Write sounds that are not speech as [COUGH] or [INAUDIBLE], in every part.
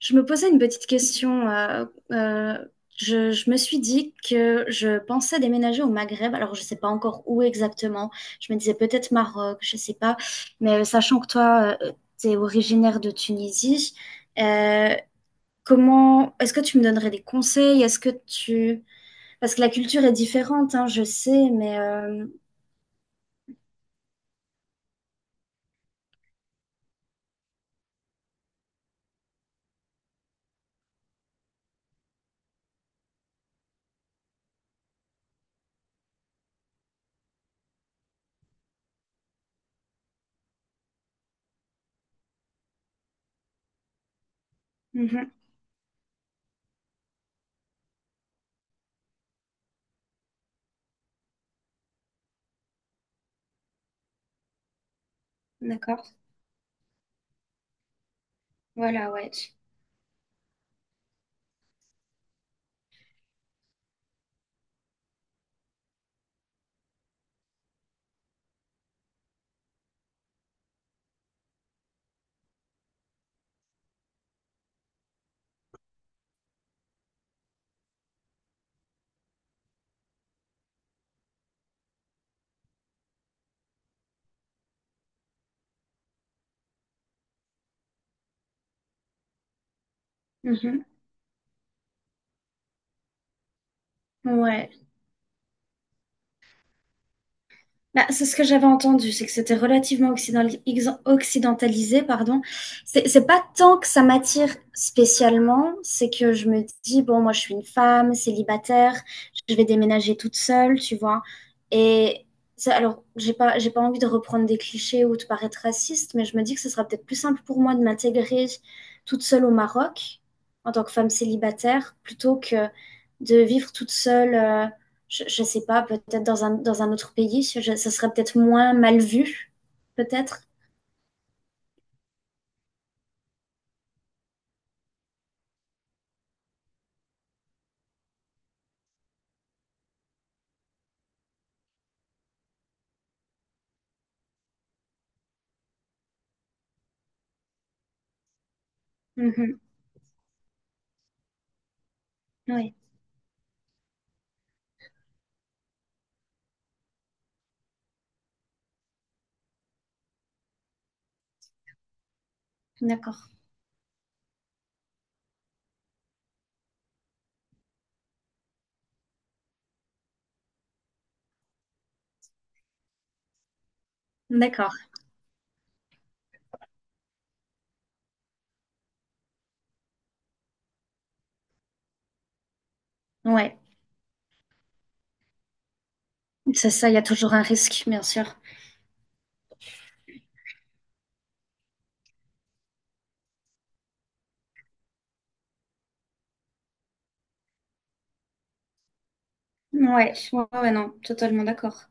Je me posais une petite question. Euh, je me suis dit que je pensais déménager au Maghreb. Alors, je ne sais pas encore où exactement. Je me disais peut-être Maroc, je ne sais pas. Mais sachant que toi, tu es originaire de Tunisie, euh, comment est-ce que tu me donnerais des conseils? Est-ce que tu... Parce que la culture est différente, hein, je sais, mais Mhm. D'accord. Voilà, ouais. Mhm. Ouais. Bah, c'est ce que j'avais entendu, c'est que c'était occidentalisé, pardon. C'est pas tant que ça m'attire spécialement, c'est que je me dis, bon, moi je suis une femme célibataire, je vais déménager toute seule, tu vois. Et ça, alors, j'ai pas envie de reprendre des clichés ou de paraître raciste, mais je me dis que ce sera peut-être plus simple pour moi de m'intégrer toute seule au Maroc en tant que femme célibataire plutôt que de vivre toute seule. Je ne sais pas, peut-être dans un autre pays, ça serait peut-être moins mal vu, peut-être. Mhm. Oui, d'accord. D'accord. Ouais. C'est ça, il y a toujours un risque, bien sûr. Ouais, ouais, ouais, non, totalement d'accord.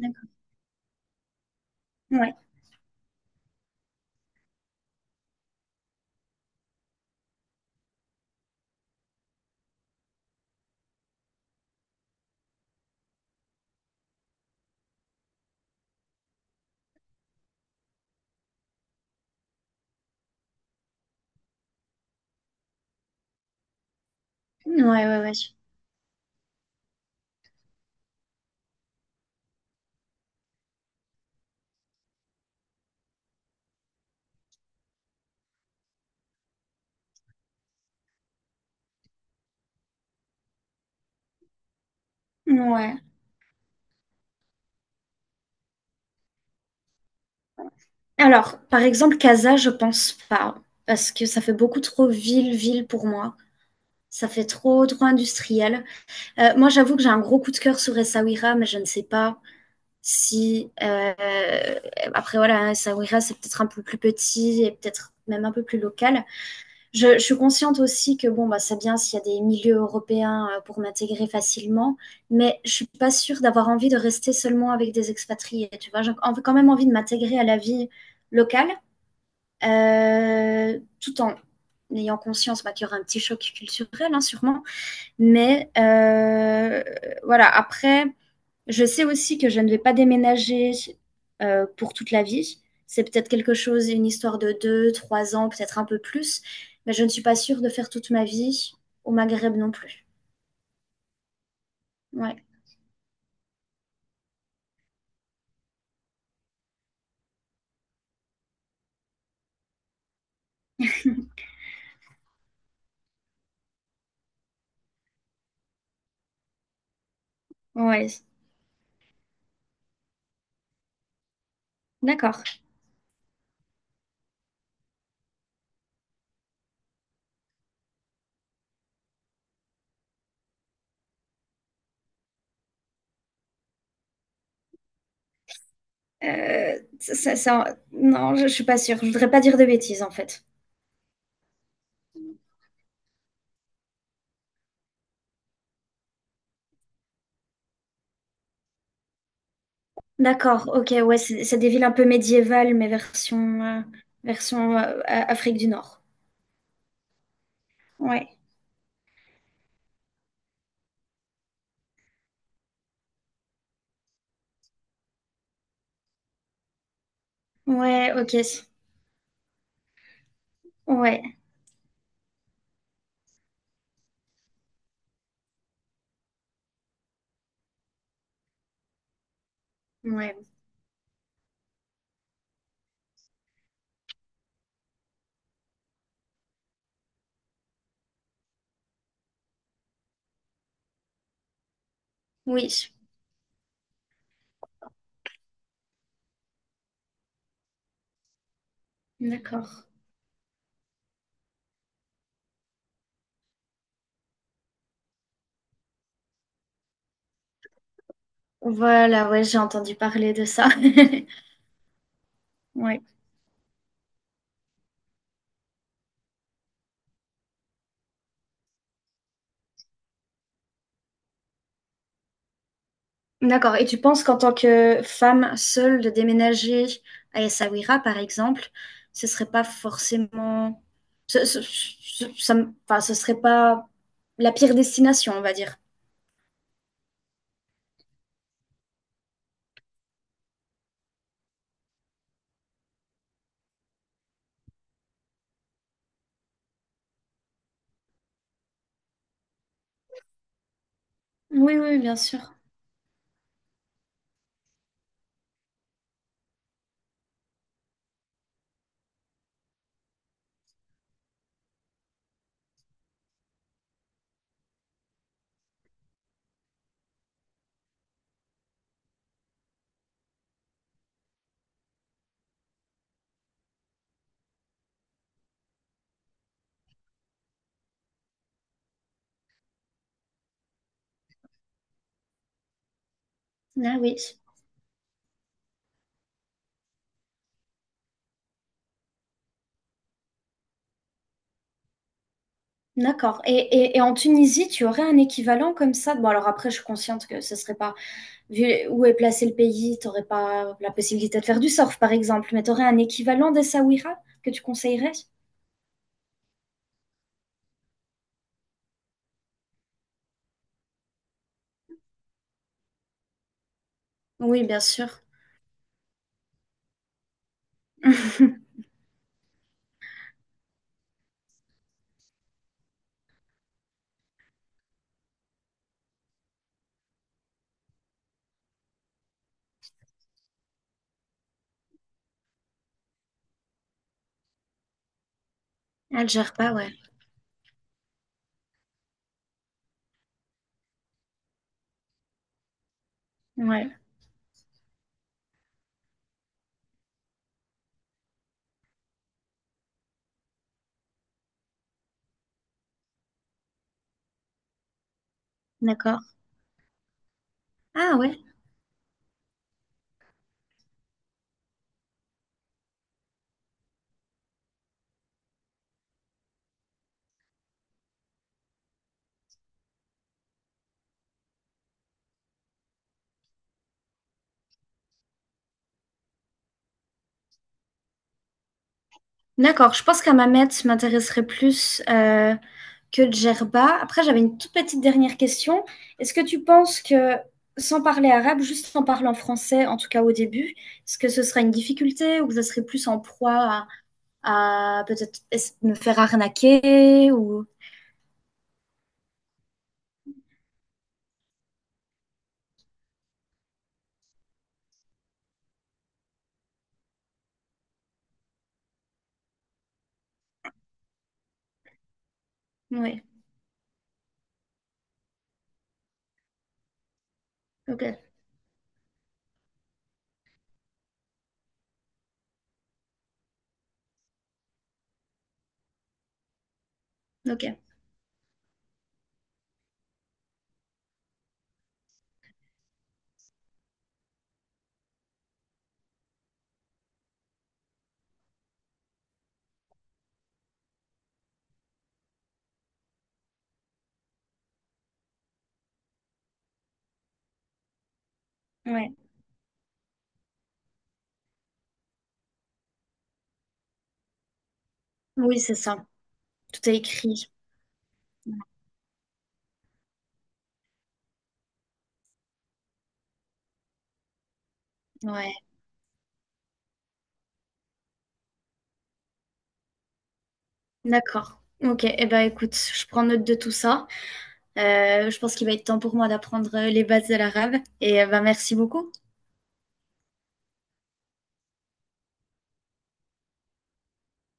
D'accord. Ouais. Ouais, ouais, ouais. Ouais. Alors, par exemple, Casa, je pense pas, parce que ça fait beaucoup trop ville-ville pour moi. Ça fait trop, trop industriel. Moi, j'avoue que j'ai un gros coup de cœur sur Essaouira, mais je ne sais pas. Si Après voilà, Sabrina c'est peut-être un peu plus petit et peut-être même un peu plus local. Je suis consciente aussi que bon bah c'est bien s'il y a des milieux européens pour m'intégrer facilement, mais je suis pas sûre d'avoir envie de rester seulement avec des expatriés. Tu vois, j'ai quand même envie de m'intégrer à la vie locale, tout en ayant conscience bah, qu'il y aura un petit choc culturel hein, sûrement. Mais voilà après. Je sais aussi que je ne vais pas déménager pour toute la vie. C'est peut-être quelque chose, une histoire de deux, trois ans, peut-être un peu plus. Mais je ne suis pas sûre de faire toute ma vie au Maghreb non plus. Ouais, ouais, d'accord. Non, je suis pas sûre. Je voudrais pas dire de bêtises en fait. D'accord, ok, ouais, c'est des villes un peu médiévales, mais version, Afrique du Nord. Ouais, ouais, ok, ouais, ouais, oui, d'accord. Voilà, ouais, j'ai entendu parler de ça. [LAUGHS] Ouais. D'accord. Et tu penses qu'en tant que femme seule, de déménager à Essaouira, par exemple, ce serait pas forcément, enfin, ce serait pas la pire destination, on va dire. Oui, oui, bien sûr. Ah oui. D'accord. Et en Tunisie, tu aurais un équivalent comme ça? Bon, alors après, je suis consciente que ce serait pas. Vu où est placé le pays, t'aurais pas la possibilité de faire du surf, par exemple, mais t'aurais un équivalent des Sawira que tu conseillerais? Oui, bien sûr. [LAUGHS] Algerba, ouais. Ouais, d'accord. Ah ouais. D'accord, je pense qu'à Mamet m'intéresserait plus que Djerba. Après, j'avais une toute petite dernière question. Est-ce que tu penses que, sans parler arabe, juste en parlant français, en tout cas au début, est-ce que ce serait une difficulté ou que ce serait plus en proie à peut-être me faire arnaquer ou... Oui. Ok, ok, ouais. Oui, c'est ça. Tout est écrit. Ouais, d'accord. Ok, eh ben écoute, je prends note de tout ça. Je pense qu'il va être temps pour moi d'apprendre les bases de l'arabe. Et ben merci beaucoup.